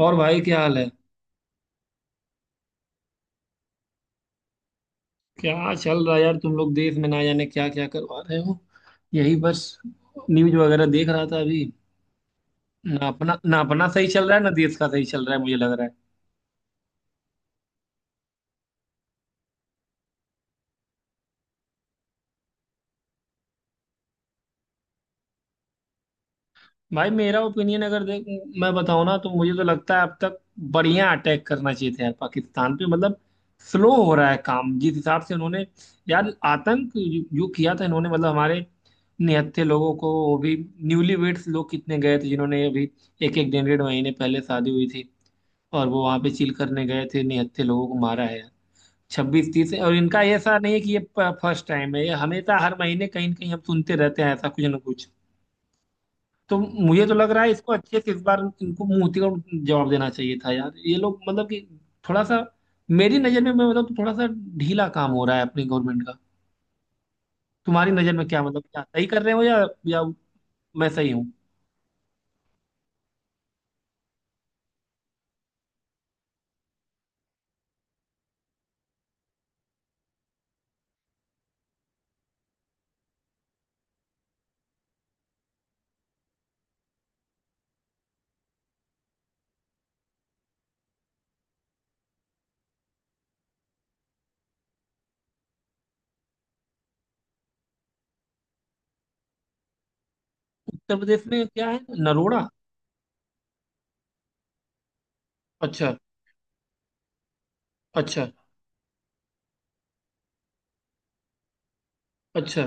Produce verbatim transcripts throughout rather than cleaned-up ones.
और भाई क्या हाल है। क्या चल रहा है यार, तुम लोग देश में ना जाने क्या क्या करवा रहे हो। यही बस, न्यूज वगैरह देख रहा था अभी। ना अपना ना अपना सही चल रहा है, ना देश का सही चल रहा है मुझे लग रहा है। भाई मेरा ओपिनियन अगर देख, मैं बताऊं ना, तो मुझे तो लगता है अब तक बढ़िया अटैक करना चाहिए था यार पाकिस्तान पे। मतलब स्लो हो रहा है काम, जिस हिसाब से उन्होंने, यार आतंक जो जो किया था इन्होंने मतलब हमारे निहत्थे लोगों को, वो भी न्यूली वेड्स लोग कितने गए थे जिन्होंने अभी एक एक डेढ़ डेढ़ महीने पहले शादी हुई थी और वो वहां पे चिल करने गए थे, निहत्थे लोगों को मारा है, छब्बीस तीस। और इनका ऐसा नहीं है कि ये फर्स्ट टाइम है, ये हमेशा हर महीने कहीं ना कहीं हम सुनते रहते हैं ऐसा कुछ ना कुछ। तो मुझे तो लग रहा है इसको अच्छे से इस बार इनको मुंह उतिकोड़ जवाब देना चाहिए था यार। ये लोग मतलब कि थोड़ा सा, मेरी नजर में मैं, मतलब थोड़ा सा ढीला काम हो रहा है अपनी गवर्नमेंट का। तुम्हारी नजर में क्या, मतलब क्या सही कर रहे हो या या मैं सही हूँ? उत्तर प्रदेश में क्या है? नरोड़ा? अच्छा, अच्छा, अच्छा,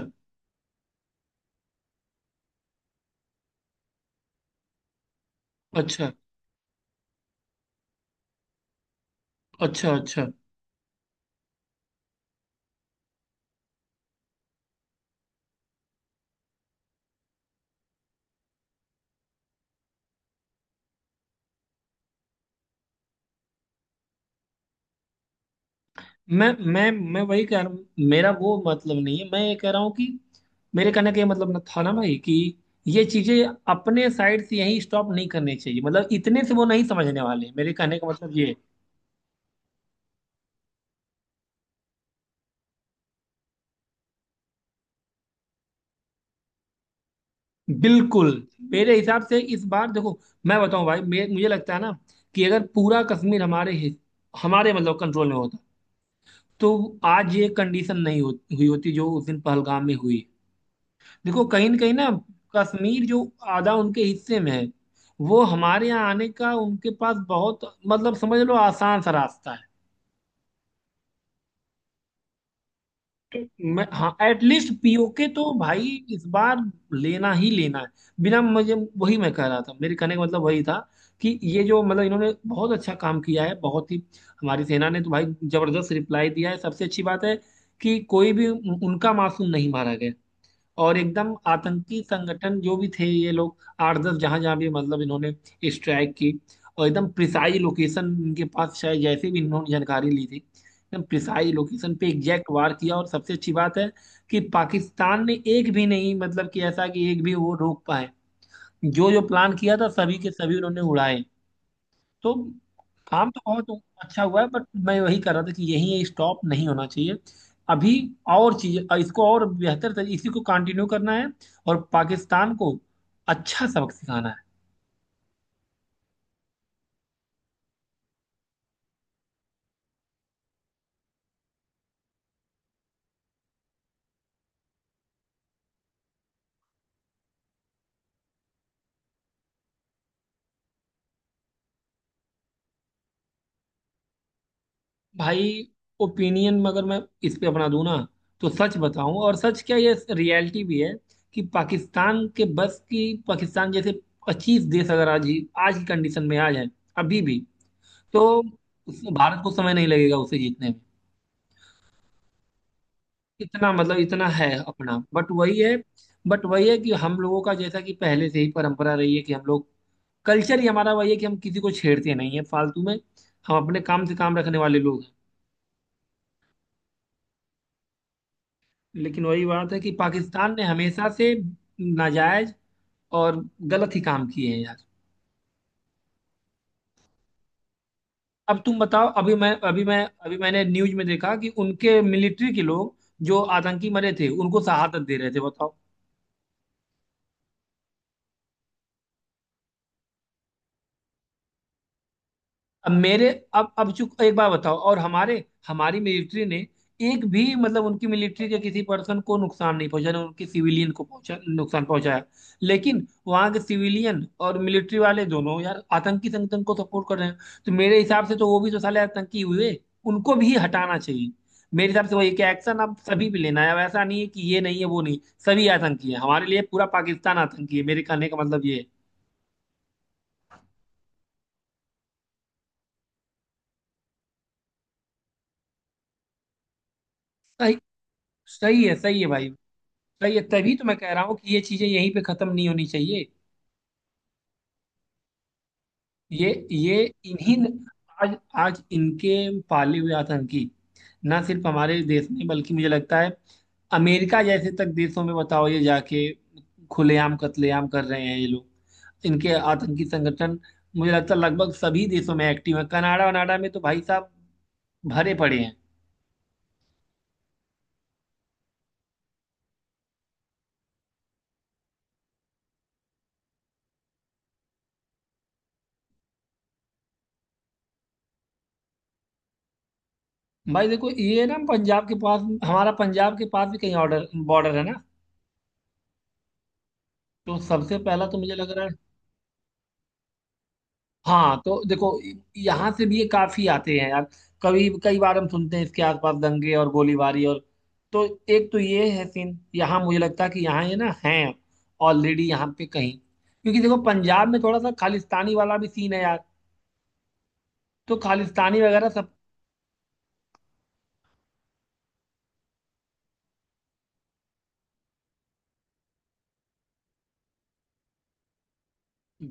अच्छा, अच्छा, अच्छा। मैं मैं मैं वही कह रहा हूँ, मेरा वो मतलब नहीं है, मैं ये कह रहा हूँ कि मेरे कहने का ये मतलब ना था ना भाई कि ये चीजें अपने साइड से यहीं स्टॉप नहीं करनी चाहिए, मतलब इतने से वो नहीं समझने वाले, मेरे कहने का मतलब ये है। बिल्कुल। मेरे हिसाब से इस बार देखो, मैं बताऊं भाई, मे, मुझे लगता है ना कि अगर पूरा कश्मीर हमारे हि- हमारे मतलब कंट्रोल में होता, तो आज ये कंडीशन नहीं हो, हुई होती जो उस दिन पहलगाम में हुई। देखो कहीं न कहीं ना, कश्मीर जो आधा उनके हिस्से में है, वो हमारे यहाँ आने का उनके पास बहुत, मतलब समझ लो, आसान सा रास्ता है। तो मैं, हाँ, एटलीस्ट पीओके तो भाई इस बार लेना ही लेना है, बिना, मुझे वही मैं कह रहा था, मेरे कहने का मतलब वही था कि ये जो, मतलब इन्होंने बहुत अच्छा काम किया है, बहुत ही। हमारी सेना ने तो भाई जबरदस्त रिप्लाई दिया है। सबसे अच्छी बात है कि कोई भी उनका मासूम नहीं मारा गया, और एकदम आतंकी संगठन जो भी थे ये लोग, आठ दस जहां जहां भी मतलब इन्होंने स्ट्राइक की, और एकदम प्रिसाई लोकेशन इनके पास शायद, जैसे भी इन्होंने जानकारी ली थी, एकदम प्रिसाई लोकेशन पे एग्जैक्ट वार किया। और सबसे अच्छी बात है कि पाकिस्तान ने एक भी नहीं, मतलब कि ऐसा कि एक भी वो रोक पाए, जो जो प्लान किया था सभी के सभी उन्होंने उड़ाए। तो काम तो बहुत अच्छा हुआ है, बट मैं वही कर रहा था कि यही स्टॉप नहीं होना चाहिए अभी, और चीज इसको और बेहतर तरीके, इसी को कंटिन्यू करना है और पाकिस्तान को अच्छा सबक सिखाना है। भाई ओपिनियन अगर मैं इस पे अपना दूं ना, तो सच बताऊं, और सच क्या, ये रियलिटी भी है कि पाकिस्तान के बस की, पाकिस्तान जैसे पच्चीस देश अगर आज ही, आज की कंडीशन में आ जाए अभी भी, तो उस भारत को समय नहीं लगेगा उसे जीतने में। इतना मतलब इतना है अपना, बट वही है, बट वही है कि हम लोगों का, जैसा कि पहले से ही परंपरा रही है कि हम लोग, कल्चर ही हमारा वही है कि हम किसी को छेड़ते नहीं है फालतू में, हम अपने काम से काम रखने वाले लोग हैं। लेकिन वही बात है कि पाकिस्तान ने हमेशा से नाजायज और गलत ही काम किए हैं यार। अब तुम बताओ, अभी मैं अभी मैं अभी मैंने न्यूज में देखा कि उनके मिलिट्री के लोग, जो आतंकी मरे थे, उनको शहादत दे रहे थे, बताओ। अब मेरे अब अब चूक एक बात बताओ, और हमारे हमारी मिलिट्री ने एक भी, मतलब उनकी मिलिट्री के किसी पर्सन को नुकसान नहीं पहुंचा, ना उनके सिविलियन को पहुंचा, नुकसान पहुंचाया, लेकिन वहां के सिविलियन और मिलिट्री वाले दोनों यार आतंकी संगठन को सपोर्ट कर रहे हैं। तो मेरे हिसाब से तो वो भी तो साले आतंकी हुए, उनको भी हटाना चाहिए। मेरे हिसाब से वही कि एक्शन अब सभी पे लेना है, अब ऐसा नहीं है कि ये नहीं है वो नहीं, सभी आतंकी है, हमारे लिए पूरा पाकिस्तान आतंकी है, मेरे कहने का मतलब ये है। सही, सही है, सही है भाई। तो ये, तभी तो मैं कह रहा हूँ कि ये चीजें यहीं पे खत्म नहीं होनी चाहिए। ये ये इन्हीं आज आज इनके पाले हुए आतंकी ना सिर्फ हमारे देश में, बल्कि मुझे लगता है अमेरिका जैसे तक देशों में, बताओ, ये जाके खुलेआम कत्लेआम कर रहे हैं ये लोग, इनके आतंकी संगठन। मुझे लगता है लगभग सभी देशों में एक्टिव है, कनाडा वनाडा में तो भाई साहब भरे पड़े हैं। भाई देखो ये ना पंजाब के पास, हमारा पंजाब के पास भी कहीं ऑर्डर बॉर्डर है ना, तो सबसे पहला तो मुझे लग रहा है, हाँ तो देखो, यहाँ से भी ये काफी आते हैं यार, कभी कई बार हम सुनते हैं इसके आसपास दंगे और गोलीबारी और। तो एक तो ये है सीन, यहाँ मुझे लगता है कि यहाँ ये ना है ऑलरेडी यहाँ पे कहीं, क्योंकि देखो पंजाब में थोड़ा सा खालिस्तानी वाला भी सीन है यार, तो खालिस्तानी वगैरह सब।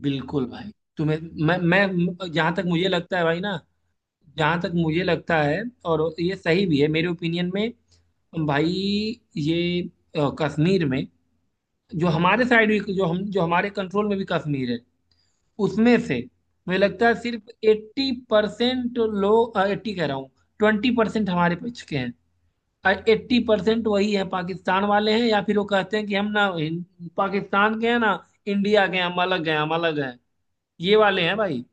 बिल्कुल भाई। तुम्हें, मैं मैं जहाँ तक मुझे लगता है भाई ना, जहाँ तक मुझे लगता है, और ये सही भी है मेरे ओपिनियन में, भाई ये, अ, कश्मीर में जो हमारे साइड भी, जो हम जो हमारे कंट्रोल में भी कश्मीर है, उसमें से मुझे लगता है सिर्फ एट्टी परसेंट लोग, एट्टी कह रहा हूँ, ट्वेंटी परसेंट हमारे पक्ष के हैं और एट्टी परसेंट वही है, पाकिस्तान वाले हैं, या फिर वो कहते हैं कि हम ना, हिं- पाकिस्तान के हैं ना इंडिया के हैं, हम अलग हैं, हम अलग हैं, ये वाले हैं भाई।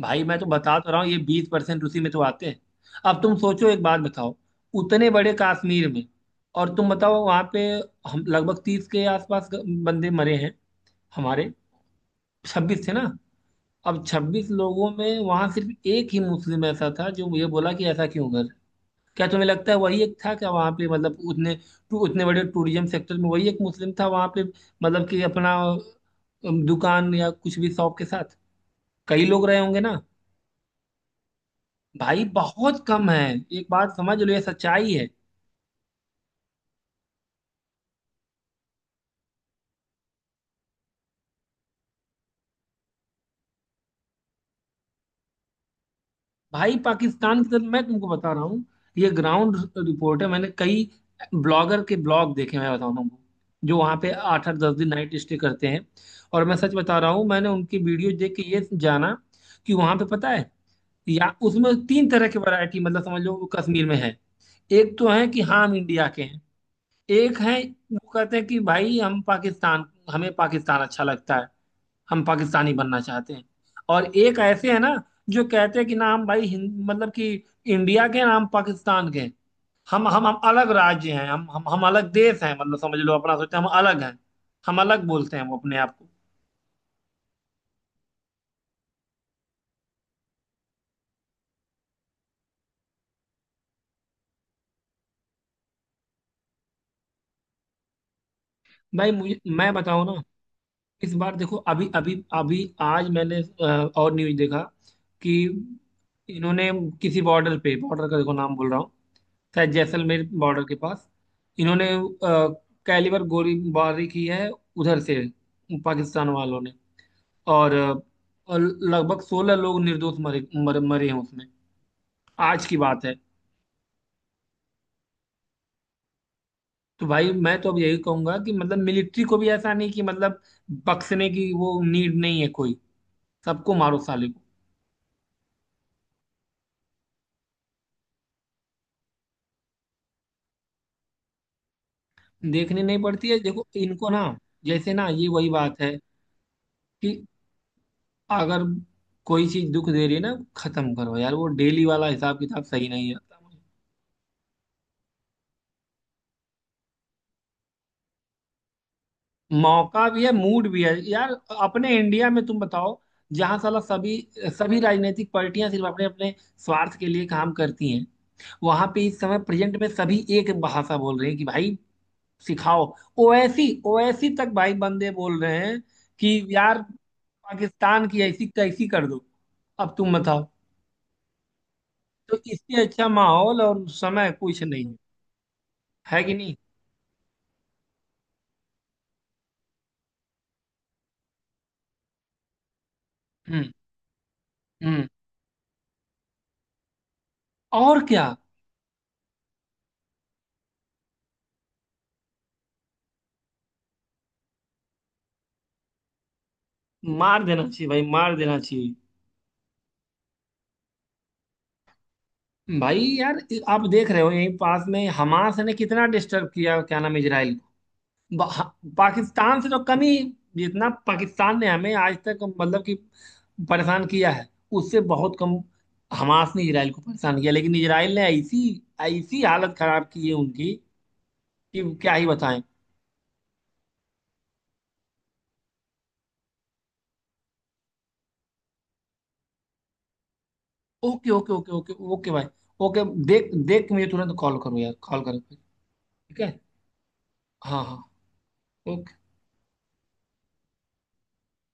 भाई मैं तो बता तो रहा हूँ, ये बीस परसेंट उसी में तो आते हैं। अब तुम सोचो, एक बात बताओ, उतने बड़े कश्मीर में, और तुम बताओ वहां पे हम लगभग तीस के आसपास बंदे मरे हैं, हमारे छब्बीस थे ना? अब छब्बीस लोगों में वहां सिर्फ एक ही मुस्लिम ऐसा था जो ये बोला कि ऐसा क्यों कर, क्या तुम्हें लगता है वही एक था क्या वहां पे, मतलब उतने उतने बड़े टूरिज्म सेक्टर में वही एक मुस्लिम था वहां पे? मतलब कि अपना अम, दुकान या कुछ भी शॉप के साथ कई लोग रहे होंगे ना। भाई बहुत कम है, एक बात समझ लो, ये सच्चाई है। भाई पाकिस्तान की तरफ, मैं तुमको बता रहा हूँ, ये ग्राउंड रिपोर्ट है। मैंने कई ब्लॉगर के ब्लॉग देखे, मैं बता रहा हूँ, जो वहाँ पे आठ आठ दस दिन नाइट स्टे करते हैं, और मैं सच बता रहा हूँ, मैंने उनकी वीडियो देख के ये जाना कि वहाँ पे पता है, या उसमें तीन तरह की वैरायटी, मतलब समझ लो, वो कश्मीर में है। एक तो है कि हाँ हम इंडिया के हैं। एक है, वो कहते हैं कि भाई हम पाकिस्तान, हमें पाकिस्तान अच्छा लगता है, हम पाकिस्तानी बनना चाहते हैं। और एक ऐसे है ना, जो कहते हैं कि ना हम भाई हिंद, मतलब कि इंडिया के हैं, ना हम पाकिस्तान के हैं। हम हम हम अलग राज्य हैं, हम हम हम अलग देश हैं, मतलब समझ लो अपना सोचते हैं हम अलग हैं, हम अलग बोलते हैं वो अपने आप को। भाई, मुझे मैं बताऊं ना, इस बार देखो अभी अभी अभी आज मैंने अ, और न्यूज देखा कि इन्होंने किसी बॉर्डर पे, बॉर्डर का देखो नाम बोल रहा हूँ, शायद जैसलमेर बॉर्डर के पास इन्होंने अ, कैलिबर गोलीबारी की है उधर से पाकिस्तान वालों ने। और, अ, और लगभग सोलह लोग निर्दोष मरे मर, मरे हैं उसमें। आज की बात है। तो भाई मैं तो अब यही कहूंगा कि मतलब मिलिट्री को भी ऐसा नहीं कि मतलब बख्शने की वो नीड नहीं है कोई, सबको मारो साले। देखनी नहीं पड़ती है, देखो इनको ना, जैसे ना ये वही बात है कि अगर कोई चीज दुख दे रही है ना, खत्म करो यार, वो डेली वाला हिसाब किताब सही नहीं आता मुझे। मौका भी है, मूड भी है यार। अपने इंडिया में तुम बताओ, जहां साला सभी, सभी राजनीतिक पार्टियां सिर्फ अपने अपने स्वार्थ के लिए काम करती हैं, वहां पे इस समय प्रेजेंट में सभी एक भाषा बोल रहे हैं कि भाई सिखाओ, ओवैसी ओवैसी तक भाई बंदे बोल रहे हैं कि यार पाकिस्तान की ऐसी तैसी कर दो। अब तुम बताओ, तो इससे अच्छा माहौल और समय कुछ नहीं है, है कि नहीं? हम्म। हम्म। और क्या। मार देना चाहिए भाई, मार देना चाहिए भाई यार। आप देख रहे हो, यहीं पास में हमास ने कितना डिस्टर्ब किया, क्या नाम है, इजराइल को बा- पाकिस्तान से तो कम ही। जितना पाकिस्तान ने हमें आज तक मतलब कि परेशान किया है, उससे बहुत कम हमास ने इजराइल को परेशान किया, लेकिन इजराइल ने ऐसी ऐसी हालत खराब की है उनकी कि क्या ही बताएं। Okay, okay, okay, okay, okay भाई, ओके, देख देख के मुझे तुरंत कॉल करो यार, कॉल करो फिर। ठीक है। हाँ हाँ। ओके।